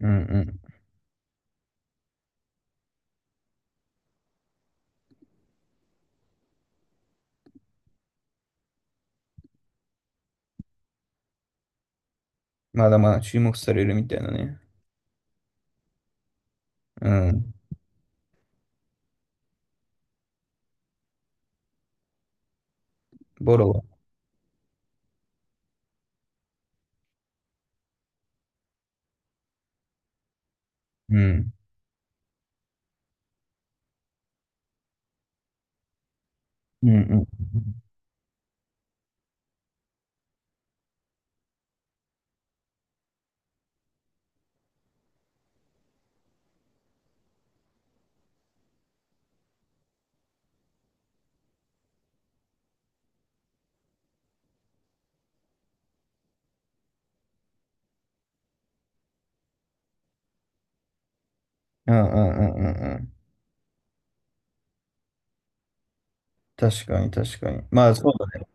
うんうん。まだまだ注目されるみたいなね。うん。ボロは。うん。うんうん。うんうんうんうんうん。確かに確かに。まあそうだ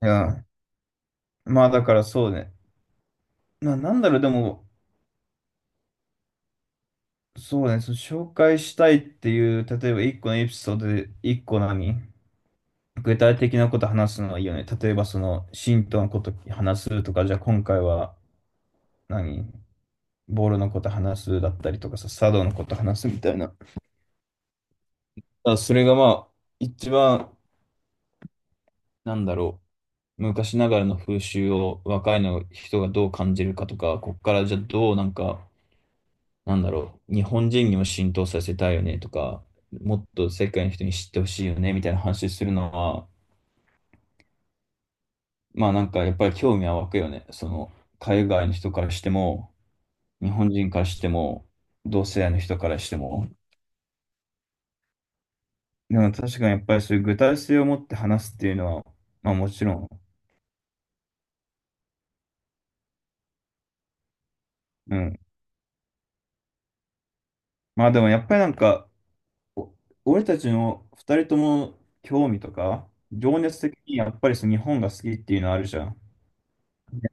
ね。うん。まあだからそうね。なんだろう、でも、そうね、その紹介したいっていう、例えば一個のエピソードで一個何具体的なこと話すのはいいよね。例えばその、信徒のこと話すとか、じゃあ今回は何ボールのこと話すだったりとかさ、茶道のこと話すみたいな。あ、それがまあ、一番、なんだろ昔ながらの風習を若いの人がどう感じるかとか、こっからじゃあどうなんか、日本人にも浸透させたいよねとか、もっと世界の人に知ってほしいよねみたいな話するのは、まあなんかやっぱり興味は湧くよね。その、海外の人からしても、日本人からしても、同世代の人からしても。でも確かにやっぱりそういう具体性を持って話すっていうのは、まあもちろん、うん。まあでもやっぱりなんか、お俺たちの二人とも興味とか、情熱的にやっぱりその日本が好きっていうのあるじゃん。ね、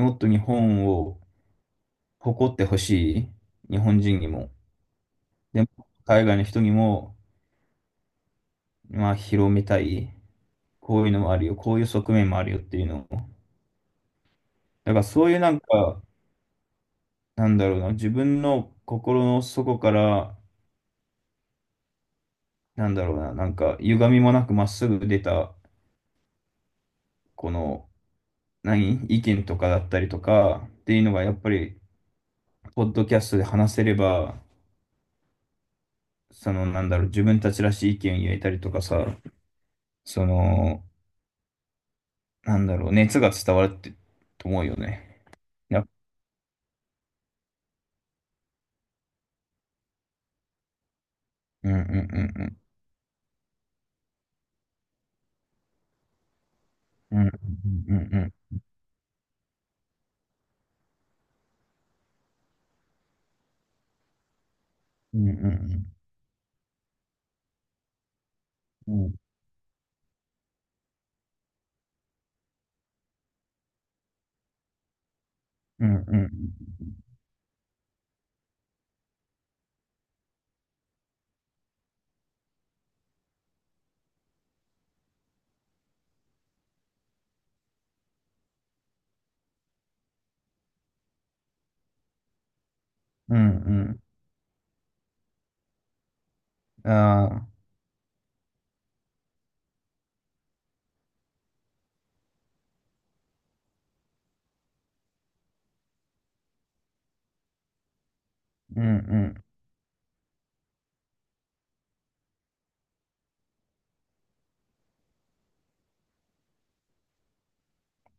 もっと日本を誇ってほしい。日本人にも。でも、海外の人にも、まあ、広めたい。こういうのもあるよ。こういう側面もあるよっていうのを。だからそういうなんか、なんだろうな、自分の心の底から、歪みもなくまっすぐ出た、この、何意見とかだったりとかっていうのがやっぱりポッドキャストで話せれば、その、自分たちらしい意見を言えたりとかさ、その、熱が伝わるって、と思うよね。いや、うんうんうんうん。うんうんうんうんうんうんうんうんうんうん。ああ、うんうん。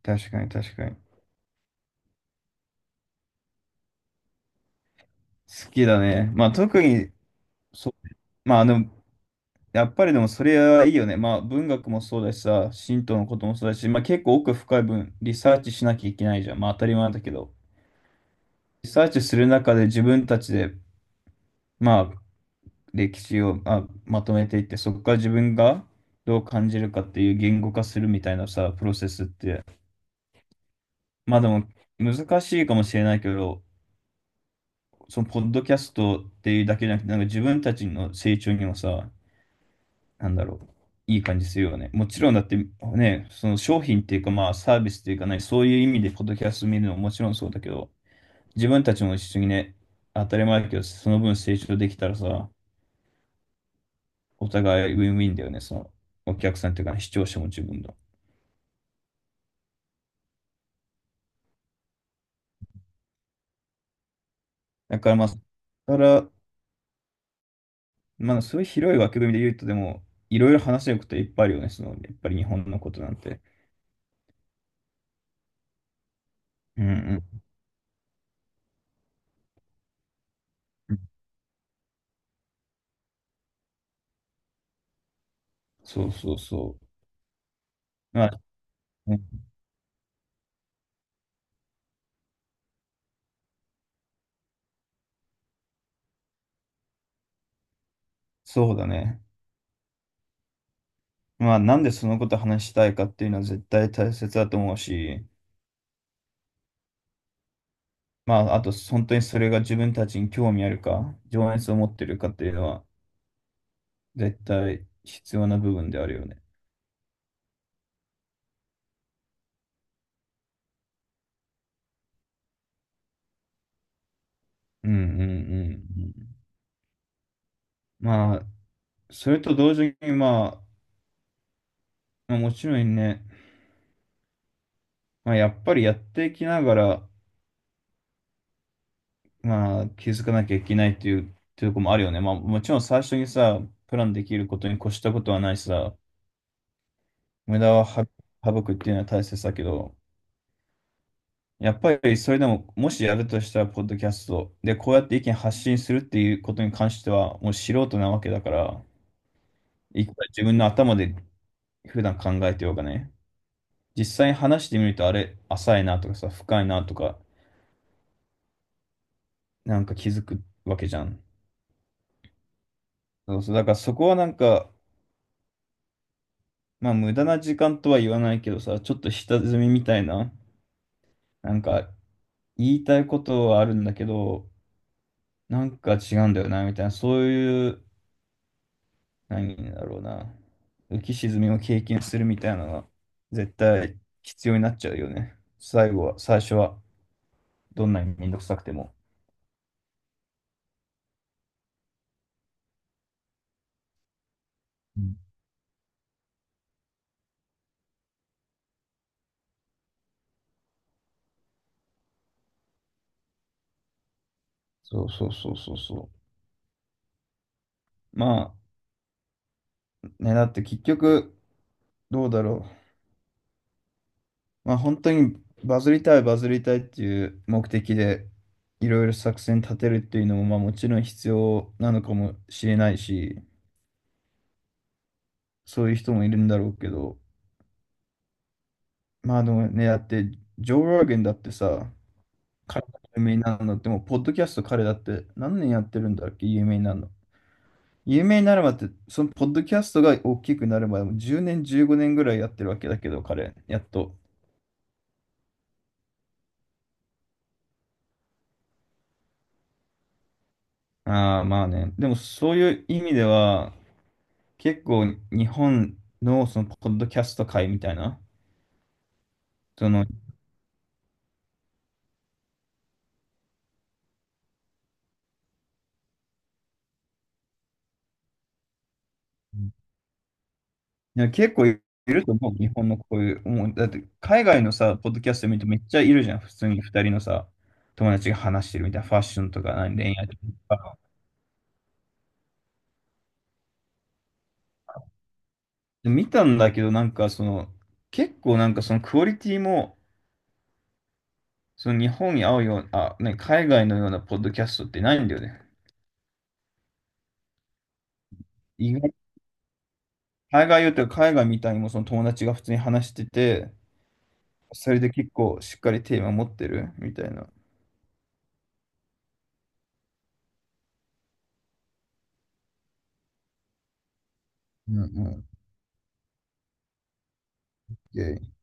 確かに確かに。好きだね。まあ特に、そ、まあでも、やっぱりでもそれはいいよね。まあ文学もそうだしさ、神道のこともそうだし、まあ結構奥深い分リサーチしなきゃいけないじゃん。まあ当たり前だけど。リサーチする中で自分たちで、まあ、歴史を、まあ、まとめていって、そこから自分がどう感じるかっていう言語化するみたいなさ、プロセスって、まあでも難しいかもしれないけど、そのポッドキャストっていうだけじゃなくて、なんか自分たちの成長にもさ、なんだろう、いい感じするよね。もちろんだってね、その商品っていうかまあサービスっていうかね、そういう意味でポッドキャスト見るのももちろんそうだけど、自分たちも一緒にね、当たり前だけど、その分成長できたらさ、お互いウィンウィンだよね、その、お客さんというか、視聴者も自分の。だからまあ、だから、まあ、そういう広い枠組みで言うと、でも、いろいろ話せることいっぱいあるよね、その、やっぱり日本のことなんて。うんうん。そうそうそう。まあ、ね、そうだね。まあ、なんでそのこと話したいかっていうのは絶対大切だと思うし、まあ、あと、本当にそれが自分たちに興味あるか、情熱を持ってるかっていうのは、絶対必要な部分であるよね。うんうんうんうん。まあ、それと同時に、まあ、まあ、もちろんね、まあ、やっぱりやっていきながら、まあ、気づかなきゃいけないっていう、っていうとこもあるよね。まあ、もちろん最初にさ、プランできることに越したことはないしさ、無駄は省くっていうのは大切だけど、やっぱりそれでも、もしやるとしたら、ポッドキャストで、こうやって意見発信するっていうことに関しては、もう素人なわけだから、いくら自分の頭で普段考えてようがね、実際に話してみると、あれ、浅いなとかさ、深いなとか、なんか気づくわけじゃん。そうそう、だからそこはなんか、まあ無駄な時間とは言わないけどさ、ちょっと下積みみたいな、なんか言いたいことはあるんだけど、なんか違うんだよな、みたいな、そういう、何だろうな、浮き沈みを経験するみたいなのが、絶対必要になっちゃうよね。最後は、最初は、どんなにめんどくさくても。うん、そうそうそうそうそう。まあ、ね、だって結局、どうだろう。まあ本当にバズりたいバズりたいっていう目的でいろいろ作戦立てるっていうのもまあもちろん必要なのかもしれないし、そういう人もいるんだろうけど、まあでもね、だってジョー・ローゲンだってさ、彼が有名になるのってもうポッドキャスト彼だって何年やってるんだっけ、有名になるの。有名になるまでって、そのポッドキャストが大きくなるまでも10年、15年ぐらいやってるわけだけど、彼、やっと。ああ、まあね。でもそういう意味では、結構日本のそのポッドキャスト界みたいな、その、いや結構いると思う、日本のこういう、もう、だって海外のさ、ポッドキャスト見るとめっちゃいるじゃん、普通に二人のさ、友達が話してるみたいな、ファッションとか、何恋愛とか。で見たんだけど、なんかその、結構なんかそのクオリティも、その日本に合うような、あ、ね、海外のようなポッドキャストってないんだよね。意外海外よっていうか海外みたいにもその友達が普通に話してて、それで結構しっかりテーマ持ってるみたいな。うんうん。o